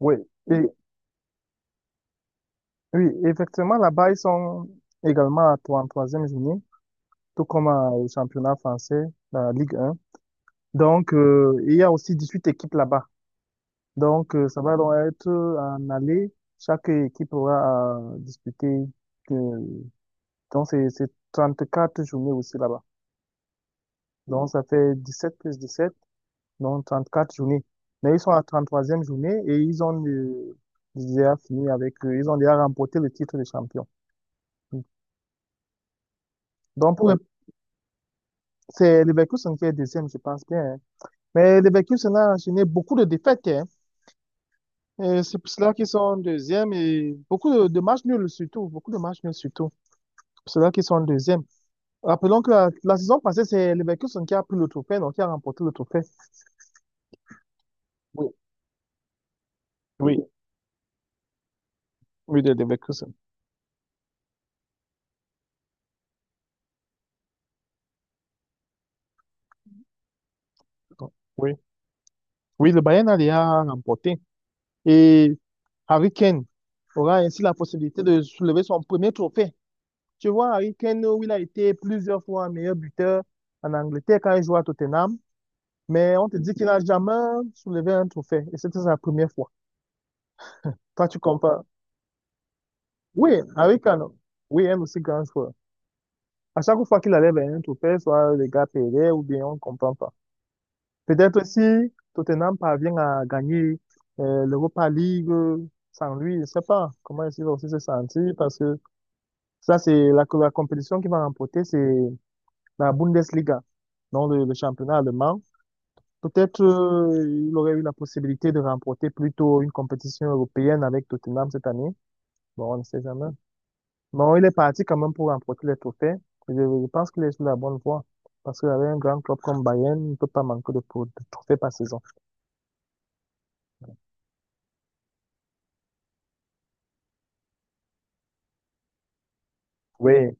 Oui, et, oui, effectivement, là-bas, ils sont également à 33e journée, tout comme au championnat français, la Ligue 1. Donc, il y a aussi 18 équipes là-bas. Donc, ça va donc être en aller. Chaque équipe aura à disputer. euh, donc, c'est quatre journées aussi là-bas. Donc, ça fait 17 plus 17, donc 34 journées. Mais ils sont à 33e journée et ils ont déjà fini avec, ils ont déjà remporté le titre de champion. Donc, pour les c'est Leverkusen qui est deuxième, je pense bien. Hein. Mais Leverkusen a enchaîné beaucoup de défaites. Hein. Et c'est pour cela qu'ils sont deuxième et beaucoup de matchs nuls surtout. Beaucoup de matchs nuls surtout. C'est pour cela qu'ils sont deuxième. Rappelons que la saison passée, c'est Leverkusen qui a pris le trophée, donc qui a remporté le trophée. Oui, oui, oui, de Leverkusen. Donc, oui, oui, le Bayern a déjà remporté. Et Harry Kane aura ainsi la possibilité de soulever son premier trophée. Tu vois, Harry Kane, où il a été plusieurs fois meilleur buteur en Angleterre quand il jouait à Tottenham. Mais on te dit qu'il n'a jamais soulevé un trophée. Et c'était sa première fois. Toi, tu compares. Oui, Harry Kane, oui, un aussi grand joueur. À chaque fois qu'il allait vers un trophée, soit les gars perdaient ou bien on ne comprend pas. Peut-être aussi, Tottenham parvient à gagner l'Europa League sans lui. Je ne sais pas comment il va aussi se sentir parce que ça, c'est la compétition qu'il va remporter, c'est la Bundesliga, donc le championnat allemand. Peut-être il aurait eu la possibilité de remporter plutôt une compétition européenne avec Tottenham cette année. Bon, on ne sait jamais. Bon, il est parti quand même pour remporter les trophées. Je pense qu'il est sur la bonne voie. Parce qu'avec un grand club comme Bayern, il ne peut pas manquer de trophées par saison. Oui.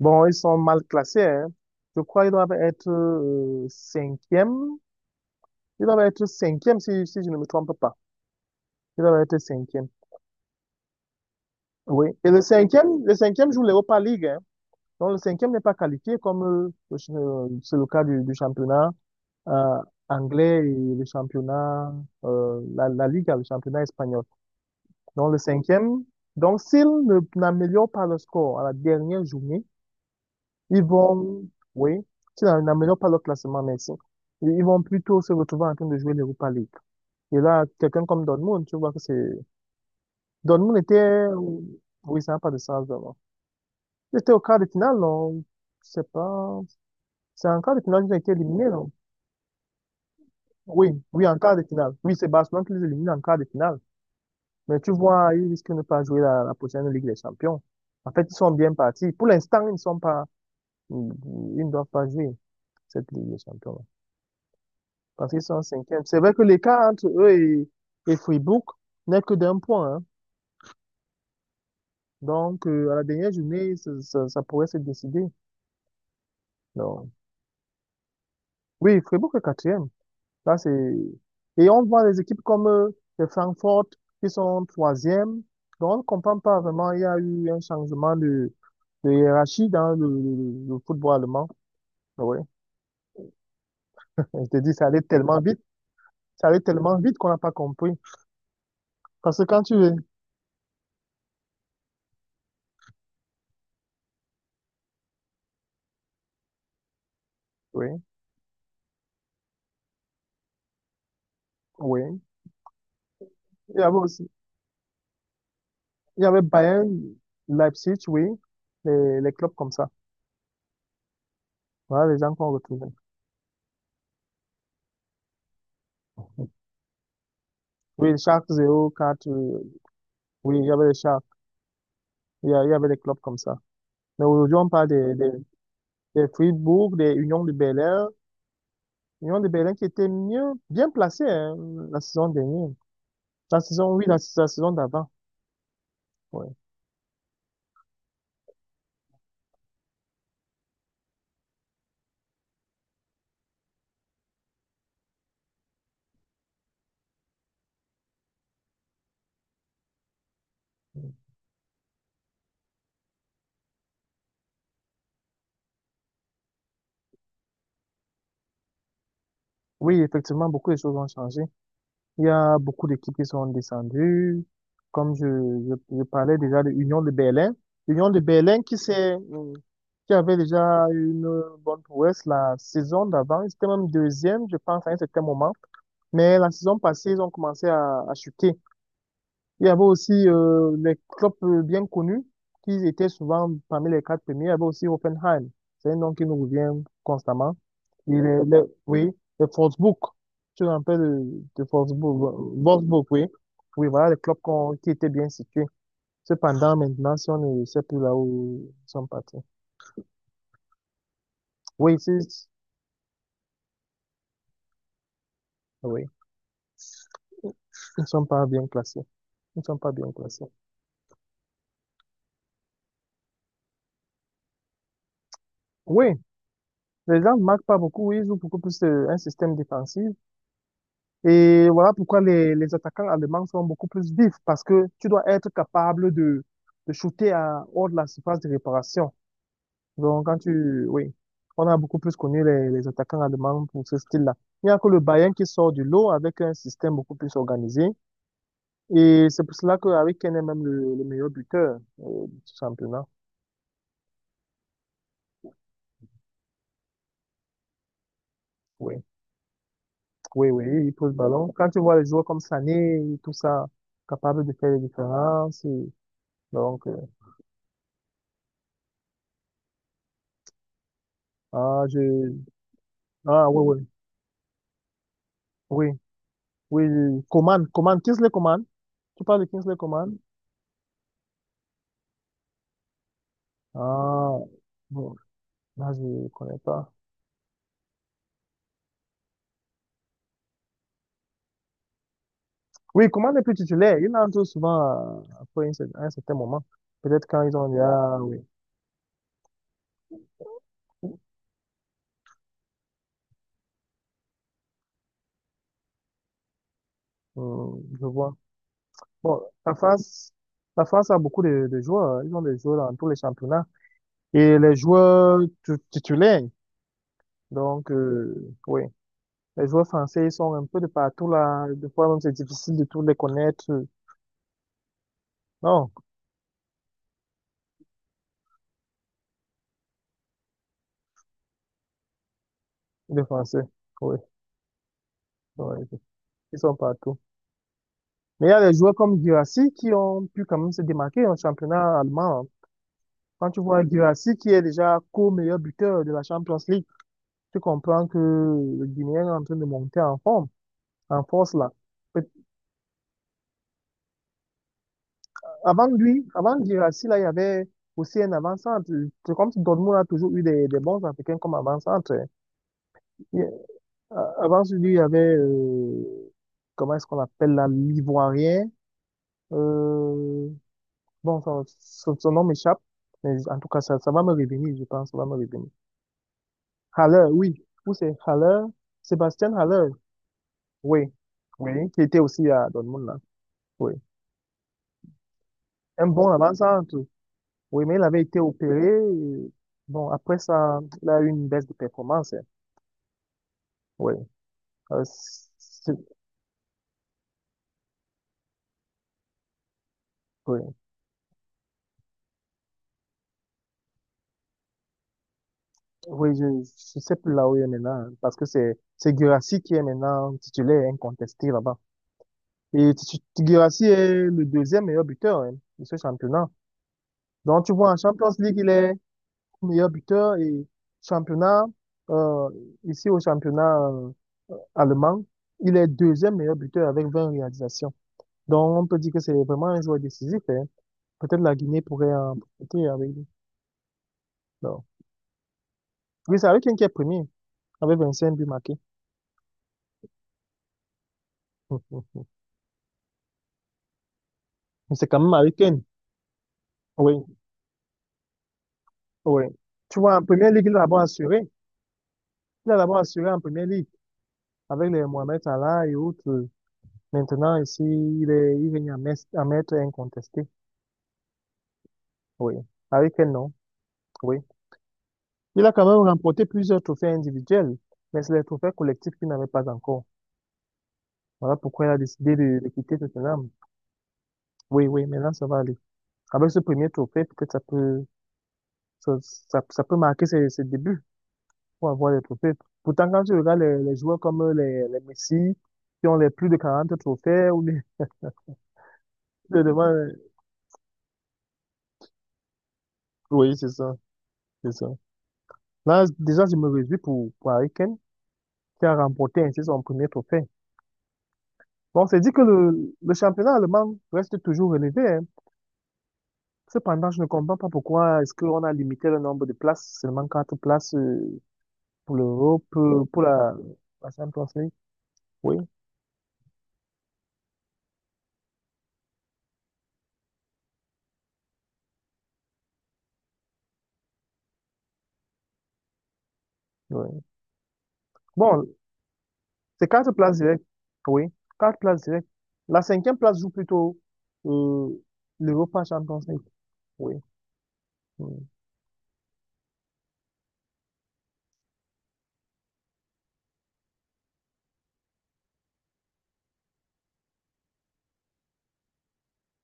Bon, ils sont mal classés. Hein. Je crois qu'ils doivent être cinquième. Ils doivent être cinquième si je ne me trompe pas. Ils doivent être cinquième. Oui. Et le cinquième joue l'Europa League. Hein. Donc, le cinquième n'est pas qualifié comme c'est le cas du championnat euh, anglais et le championnat, la Liga, le championnat espagnol. Donc, le cinquième, donc s'ils ne- n'améliorent pas le score à la dernière journée, ils vont, oui, s'ils n'a- n'améliorent pas le classement, merci, ils vont plutôt se retrouver en train de jouer l'Europa League. Et là, quelqu'un comme Dortmund, tu vois que c'est… Dortmund était… Oui, ça n'a pas de sens, vraiment. C'était au quart de finale, non? Je sais pas. C'est en quart de finale qu'ils ont été éliminés, non? Oui, oui, en quart de finale. Oui, c'est Barcelone qui les élimine en quart de finale. Mais tu vois, ils risquent de ne pas jouer la prochaine Ligue des Champions. En fait, ils sont bien partis. Pour l'instant, ils ne sont pas, ils ils ne doivent pas jouer cette Ligue des Champions. Parce qu'ils sont en cinquième. C'est vrai que l'écart entre eux et Fribourg n'est que d'un point, hein. Donc, à la dernière journée, ça, ça pourrait se décider. Non. Oui, Fribourg est quatrième. Ça, c'est… Et on voit les équipes comme le Francfort qui sont troisième. Donc, on ne comprend pas vraiment. Il y a eu un changement de hiérarchie dans le football allemand. Oui. Je te dis, ça allait tellement vite. Ça allait tellement vite qu'on n'a pas compris. Parce que quand tu veux… Oui, oui. Il y avait aussi… Il y avait Bayern, Leipzig, oui. Les clubs comme ça. Voilà les gens qu'on retrouvait. Oui, les Schalke 04. Oui, il y avait les Schalke. Il y avait des clubs comme ça. Mais aujourd'hui, on parle de Fribourg, de Union de Bel-Air. Union de Berlin qui était mieux, bien placé hein, la saison dernière. La saison, oui, la saison d'avant. Ouais. Oui, effectivement, beaucoup de choses ont changé. Il y a beaucoup d'équipes qui sont descendues. Comme je parlais déjà de l'Union de Berlin. L'Union de Berlin qui s'est, qui avait déjà une bonne prouesse la saison d'avant. Ils étaient même deuxième, je pense, à un certain moment. Mais la saison passée, ils ont commencé à chuter. Il y avait aussi les clubs bien connus qui étaient souvent parmi les quatre premiers. Il y avait aussi Hoffenheim. C'est un nom qui nous revient constamment. Et les Wolfsburg. Tu te rappelles de Wolfsburg, Wolfsburg, oui. Oui, voilà les clubs qui étaient bien situés. Cependant, maintenant, si on ne sait plus là où ils sont partis. Oui, c'est, oui, ils ne sont pas bien classés. Ils ne sont pas bien classés. Oui, les gens ne marquent pas beaucoup. Oui, ils jouent beaucoup plus un système défensif. Et voilà pourquoi les attaquants allemands sont beaucoup plus vifs, parce que tu dois être capable de shooter à, hors de la surface de réparation. Donc, quand tu, oui, on a beaucoup plus connu les attaquants allemands pour ce style-là. Il n'y a que le Bayern qui sort du lot avec un système beaucoup plus organisé. Et c'est pour cela qu'avec Kane est même le meilleur buteur du championnat. Oui, oui, oui, il pose le ballon. Quand tu vois les joueurs comme Sané et tout ça, capables de faire les différences, et donc, ah, je, ah, ouais, ouais. Oui, oui, oui. Coman, Coman, Kingsley Coman. Tu parles de Kingsley Coman? Ah, bon, là, je ne connais pas. Oui, Coman n'est plus titulaire. Il entre souvent après un certain moment. Peut-être quand ils ont déjà, oui, hum, je vois. Bon, la France a beaucoup de joueurs. Hein. Ils ont des joueurs dans tous les championnats. Et les joueurs titulaires, donc, oui, les joueurs français, ils sont un peu de partout là. Des fois, même, c'est difficile de tous les connaître. Non, les Français, oui. Oui. Ils sont partout. Mais il y a des joueurs comme Guirassy qui ont pu quand même se démarquer en championnat allemand. Hein. Quand tu vois Guirassy qui est déjà co-meilleur buteur de la Champions League, tu comprends que le Guinéen est en train de monter en forme, en force là. Peut- Avant lui, avant Guirassy, là, il y avait aussi un avant-centre. C'est comme si Dortmund a toujours eu des bons Africains comme avant-centre. Hein. Il- avant lui, il y avait, comment est-ce qu'on appelle là, l'Ivoirien. Euh, Bon, son nom m'échappe, mais en tout cas, ça va me revenir, je pense, ça va me revenir. Haller, oui. Où c'est Haller? Sébastien Haller, oui. Oui, qui était aussi à Dortmund, là. Oui. Un bon avant-centre. Oui, mais il avait été opéré. Et bon, après ça, il a eu une baisse de performance. Hein. Oui. Euh, c'est- oui. Oui, je ne sais plus là où il est maintenant, hein, parce que c'est Guirassy qui est maintenant titulaire incontesté là-bas. Et Guirassy est le deuxième meilleur buteur hein, de ce championnat. Donc, tu vois, en Champions League, il est meilleur buteur et championnat, euh, ici au championnat allemand, il est deuxième meilleur buteur avec 20 réalisations. Donc, on peut dire que c'est vraiment un joueur décisif. Hein. Peut-être la Guinée pourrait en profiter avec lui. Non. Oui, c'est Harry Kane qui est premier, avec 25 buts marqués. Mais c'est quand même Harry Kane. Oui, oui. Tu vois, en première ligue, il a d'abord assuré. Il a d'abord assuré en première ligue, avec les Mohamed Salah et autres. Maintenant, ici, il est à mettre à maître incontesté. Oui. Avec quel nom? Oui. Il a quand même remporté plusieurs trophées individuels, mais c'est les trophées collectifs qu'il n'avait pas encore. Voilà pourquoi il a décidé de quitter Tottenham. Oui, oui, maintenant ça va aller. Avec ce premier trophée, peut-être ça peut, ça peut marquer ses débuts pour avoir les trophées. Pourtant, quand tu regardes les joueurs comme les Messi, qui ont les plus de 40 trophées, ou les, les devant, oui, c'est ça, c'est ça. Là, déjà, je me réjouis pour Harry Kane, qui a remporté ainsi son premier trophée. Bon, c'est dit que le championnat allemand reste toujours élevé. Hein. Cependant, je ne comprends pas pourquoi est-ce qu'on a limité le nombre de places, seulement quatre places pour l'Europe, la Champions League. Oui, oui. Bon, c'est quatre places directes. Oui, quatre places directes. La cinquième place joue plutôt euh, l'Europa Champions League. Oui. Oui,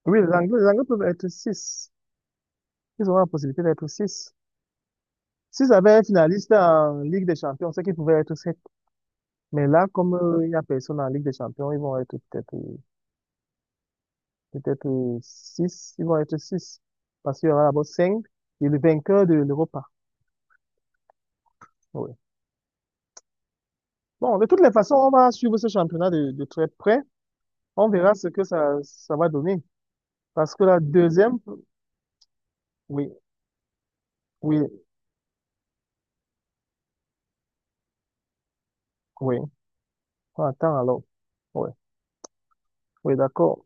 oui, les Anglais peuvent être six. Ils auront la possibilité d'être six. S'ils avaient un finaliste en Ligue des Champions, c'est qu'ils pouvaient être sept. Mais là, comme il y a personne en Ligue des Champions, ils vont être peut-être six. Ils vont être six. Parce qu'il y aura d'abord cinq et le vainqueur de l'Europa. Ouais. Bon, de toutes les façons, on va suivre ce championnat de très près. On verra ce que ça va donner. Parce que la deuxième, oui, oui, oui. On attend alors. Oui, oui, d'accord.